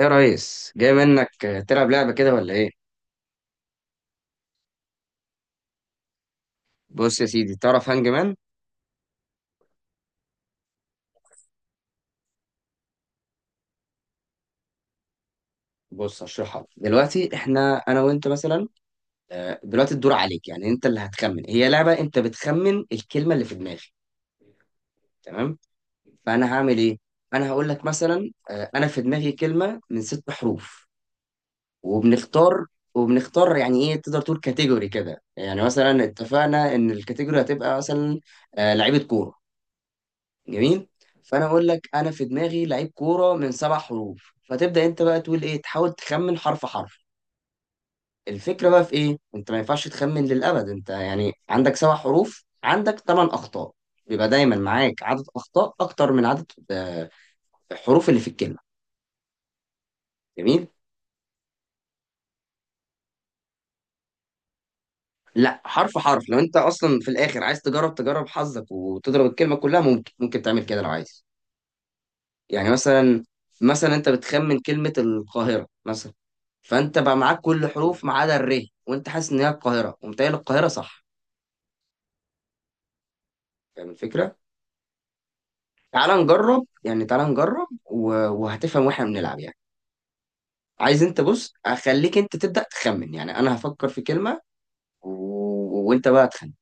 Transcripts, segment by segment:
يا ريس جاي منك تلعب لعبة كده ولا ايه؟ بص يا سيدي، تعرف هانج مان؟ بص هشرحها لك. دلوقتي احنا انا وانت مثلا، دلوقتي الدور عليك، يعني انت اللي هتخمن. هي لعبة انت بتخمن الكلمة اللي في دماغي. تمام؟ فانا هعمل ايه؟ انا هقول لك مثلا، انا في دماغي كلمة من ست حروف. وبنختار وبنختار يعني ايه، تقدر تقول كاتيجوري كده. يعني مثلا اتفقنا ان الكاتيجوري هتبقى مثلا لعيبة كورة، جميل. فانا اقول لك انا في دماغي لعيب كوره من سبع حروف، فتبدا انت بقى تقول ايه، تحاول تخمن حرف حرف. الفكره بقى في ايه، انت ما ينفعش تخمن للابد، انت يعني عندك سبع حروف عندك ثمان اخطاء. بيبقى دايما معاك عدد اخطاء اكتر من عدد الحروف اللي في الكلمه. جميل. لا حرف حرف، لو انت اصلا في الاخر عايز تجرب حظك وتضرب الكلمه كلها، ممكن تعمل كده لو عايز. يعني مثلا انت بتخمن كلمة القاهرة مثلا. فانت بقى معاك كل حروف ما عدا الر، وانت حاسس ان هي القاهرة ومتهيألي القاهرة صح. فاهم الفكرة؟ تعال نجرب يعني، تعال نجرب وهتفهم واحنا بنلعب يعني. عايز انت، بص اخليك انت تبدأ تخمن، يعني انا هفكر في كلمة و... وانت بقى تخمن.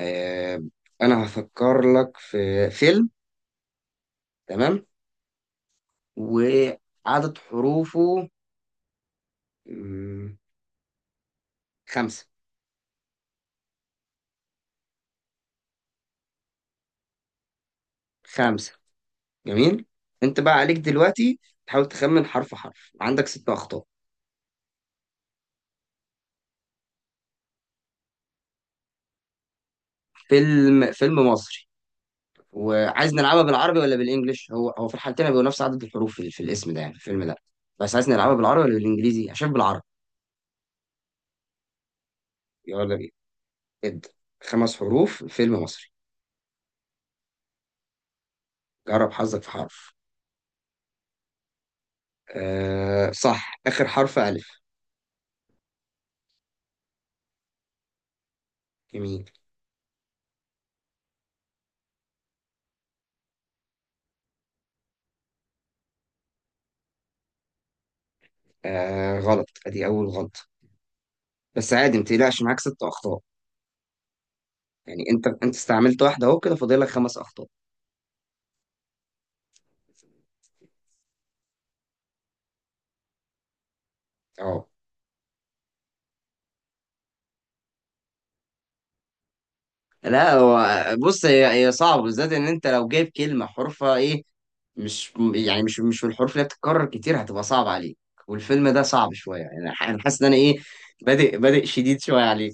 آه... انا هفكر لك في فيلم. تمام، وعدد حروفه مم، خمسة. خمسة، جميل. انت بقى عليك دلوقتي تحاول تخمن حرف حرف، عندك ست اخطاء. فيلم مصري. وعايز نلعبها بالعربي ولا بالانجلش؟ هو هو في الحالتين بيبقوا نفس عدد الحروف في الاسم ده، يعني في الفيلم ده. بس عايز نلعبها بالعربي ولا بالانجليزي؟ عشان بالعربي. يلا بينا، ابدا. خمس حروف فيلم مصري، جرب حظك في حرف. آه صح، اخر حرف الف. جميل. آه غلط، ادي اول غلطه، بس عادي ما تقلقش، معاك ست اخطاء. يعني انت استعملت واحده، اهو كده فاضل لك خمس اخطاء. اه. لا هو، بص، هي صعب، بالذات ان انت لو جايب كلمه حروفها ايه، مش يعني مش مش من الحروف اللي بتتكرر كتير، هتبقى صعب عليك. والفيلم ده صعب شويه يعني. انا أنا حاسس ان انا ايه، بادئ شديد شويه عليك.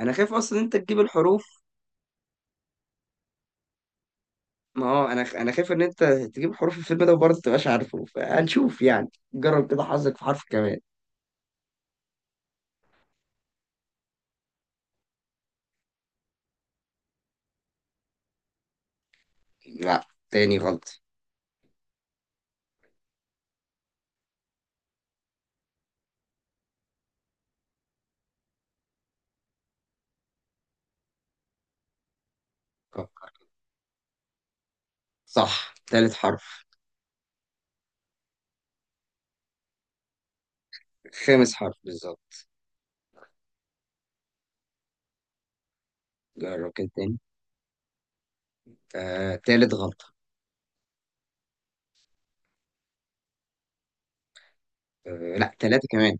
انا خايف اصلا ان انت تجيب الحروف. ما هو انا انا خايف ان انت تجيب حروف الفيلم ده وبرضه تبقاش عارف حروف، هنشوف يعني. جرب كده حظك في حرف كمان. لا، تاني غلط. صح، تالت حرف. خامس حرف بالظبط. جرب كده تاني. آه، تالت غلطه. آه لا، تلاته كمان.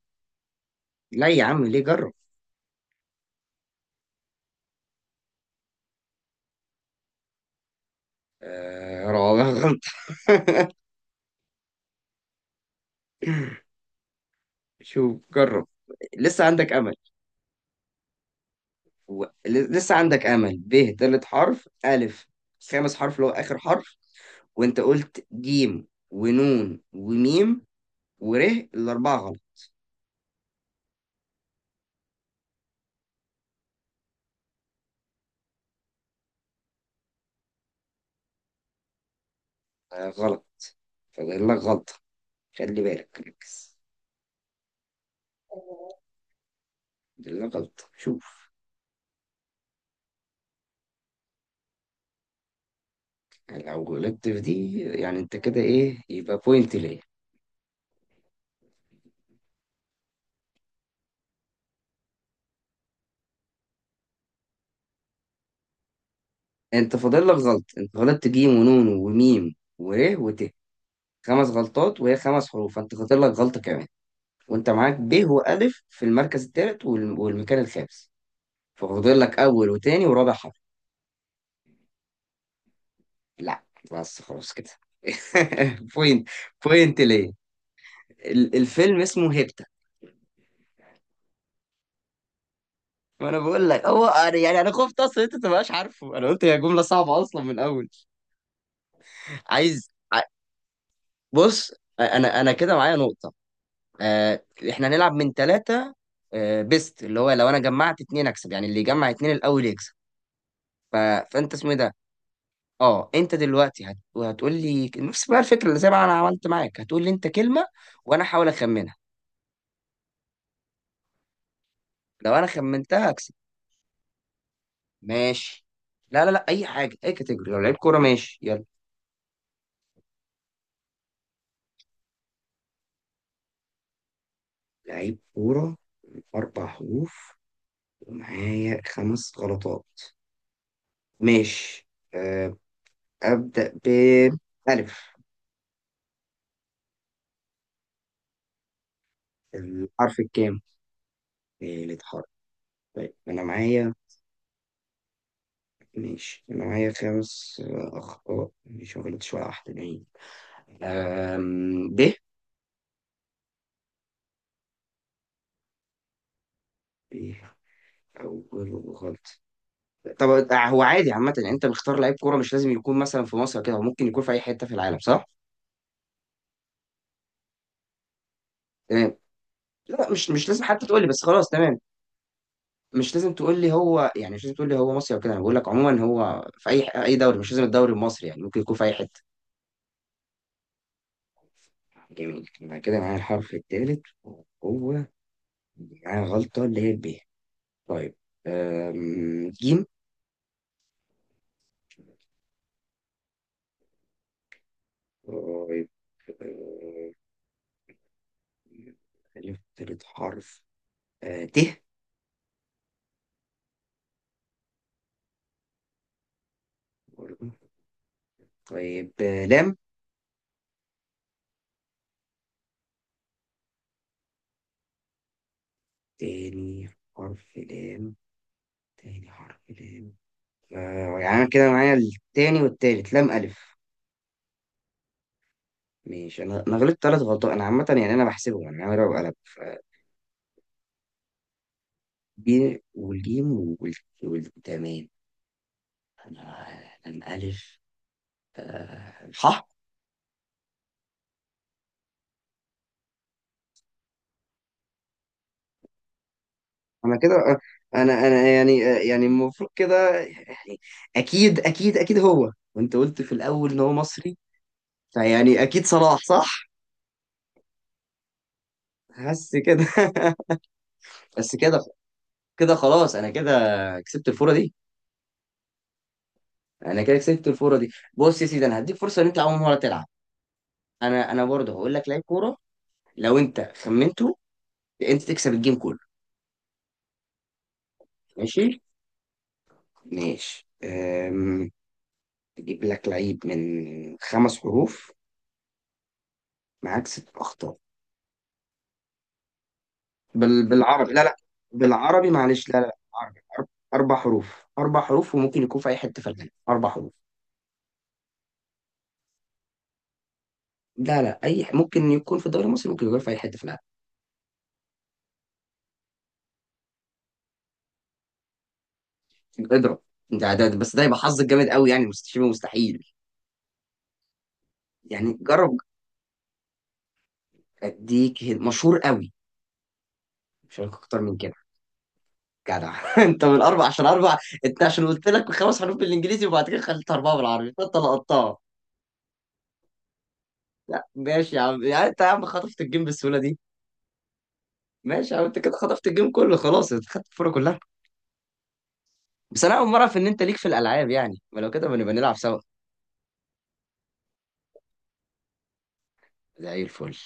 لا يا عم ليه، جرب. آه، رابع غلط. شوف، جرب، لسه عندك امل. ب تالت حرف، الف خامس حرف اللي هو اخر حرف، وانت قلت جيم ونون وميم وره، الاربعه غلط. آه غلط، فاضل لك غلطه، خلي بالك ركز. فاضل لك غلطه، شوف. لو غلطت في دي يعني انت كده ايه، يبقى بوينت ليه. انت فاضل لك غلط، انت غلطت جيم ونون وميم وره وت، خمس غلطات وهي خمس حروف، فانت خاطر لك غلطة كمان. وانت معاك ب وألف في المركز الثالث والمكان الخامس. ففاضل لك أول وتاني ورابع حرف. لا، بس خلاص كده. بوينت بوينت ليه. الفيلم اسمه هيبتا. ما انا بقول لك، هو يعني انا خفت اصلا انت تبقاش عارفه، انا قلت هي جمله صعبه اصلا من الاول. عايز ع- بص، انا كده معايا نقطه. آه، احنا هنلعب من ثلاثه، بيست، اللي هو لو انا جمعت اتنين اكسب، يعني اللي يجمع اتنين الاول يكسب. ف... فانت اسمه ايه ده. اه، انت دلوقتي هتقول لي نفس بقى الفكره اللي زي ما انا عملت معاك، هتقول لي انت كلمه وانا احاول اخمنها، لو انا خمنتها هكسب. ماشي. لا لا لا، اي حاجه، اي كاتيجوري. لو لعيب كوره ماشي، يلا. لعيب كوره، اربع حروف، ومعايا خمس غلطات. ماشي. أه، ابدا ب. الف. الحرف الكام؟ تالت حرف؟ طيب انا معايا. ماشي، انا معايا خمس اخطاء، مش ما غلطتش ولا واحده باين. ب. إيه؟ أول، غلط. طب، هو عادي عامة يعني، أنت بتختار لعيب كورة مش لازم يكون مثلا في مصر كده، هو ممكن يكون في أي حتة في العالم صح؟ تمام. لا مش لازم حتى تقول لي، بس خلاص تمام. مش لازم تقول لي هو يعني، مش لازم تقول لي هو مصري أو كده، أنا بقول لك عموما هو في أي دوري، مش لازم الدوري المصري، يعني ممكن يكون في أي حتة. جميل، يبقى كده معايا الحرف الثالث وهو، معايا غلطة اللي هي ب. طيب، جيم. طيب، أم، ألف تالت حرف. ت. طيب، لام. تاني حرف لام تاني حرف لام. يعني أنا كده معايا التاني والتالت، لام ألف، ماشي. أنا غلطت تلات غلطات، أنا عامة يعني أنا بحسبهم، يعني أنا عامل وقلب. ب والجيم تمام. أنا لام ألف، صح. أنا كده أنا يعني يعني المفروض كده يعني، أكيد أكيد أكيد هو. وأنت قلت في الأول إن هو مصري، فيعني أكيد صلاح صح؟ حاسس كده. بس كده. كده خلاص، انا كده كسبت الفوره دي كسبت الفوره دي. بص يا سيدي انا هديك فرصه ان انت اول مره تلعب. انا برضه هقول لك لعيب كوره، لو انت خمنته انت تكسب الجيم كله. ماشي، ماشي. اجيب لك لعيب من خمس حروف، معاك ست اخطاء. بالعربي، لا لا بالعربي، معلش، لا لا عربي. اربع حروف وممكن يكون في اي حته في العالم، اربع حروف. لا لا، ممكن يكون في الدوري المصري ممكن يكون في اي حته في العالم. اضرب. بس ده يبقى حظك جامد قوي يعني، شبه مستحيل. يعني جرب. اديك مشهور قوي، مش هقولك اكتر من كده. جدع. انت من اربع عشان اربع، انت عشان قلت لك خمس حروف بالانجليزي وبعد كده خليت اربعه بالعربي فانت لقطتها. لا ماشي يا عم، يعني انت يا عم خطفت الجيم بالسهوله دي. ماشي يا عم، انت كده خطفت الجيم كله، خلاص، انت خدت الفوره كلها. بس انا اول مره اعرف ان انت ليك في الالعاب يعني، ما لو كده بنبقى نلعب سوا. زي الفل.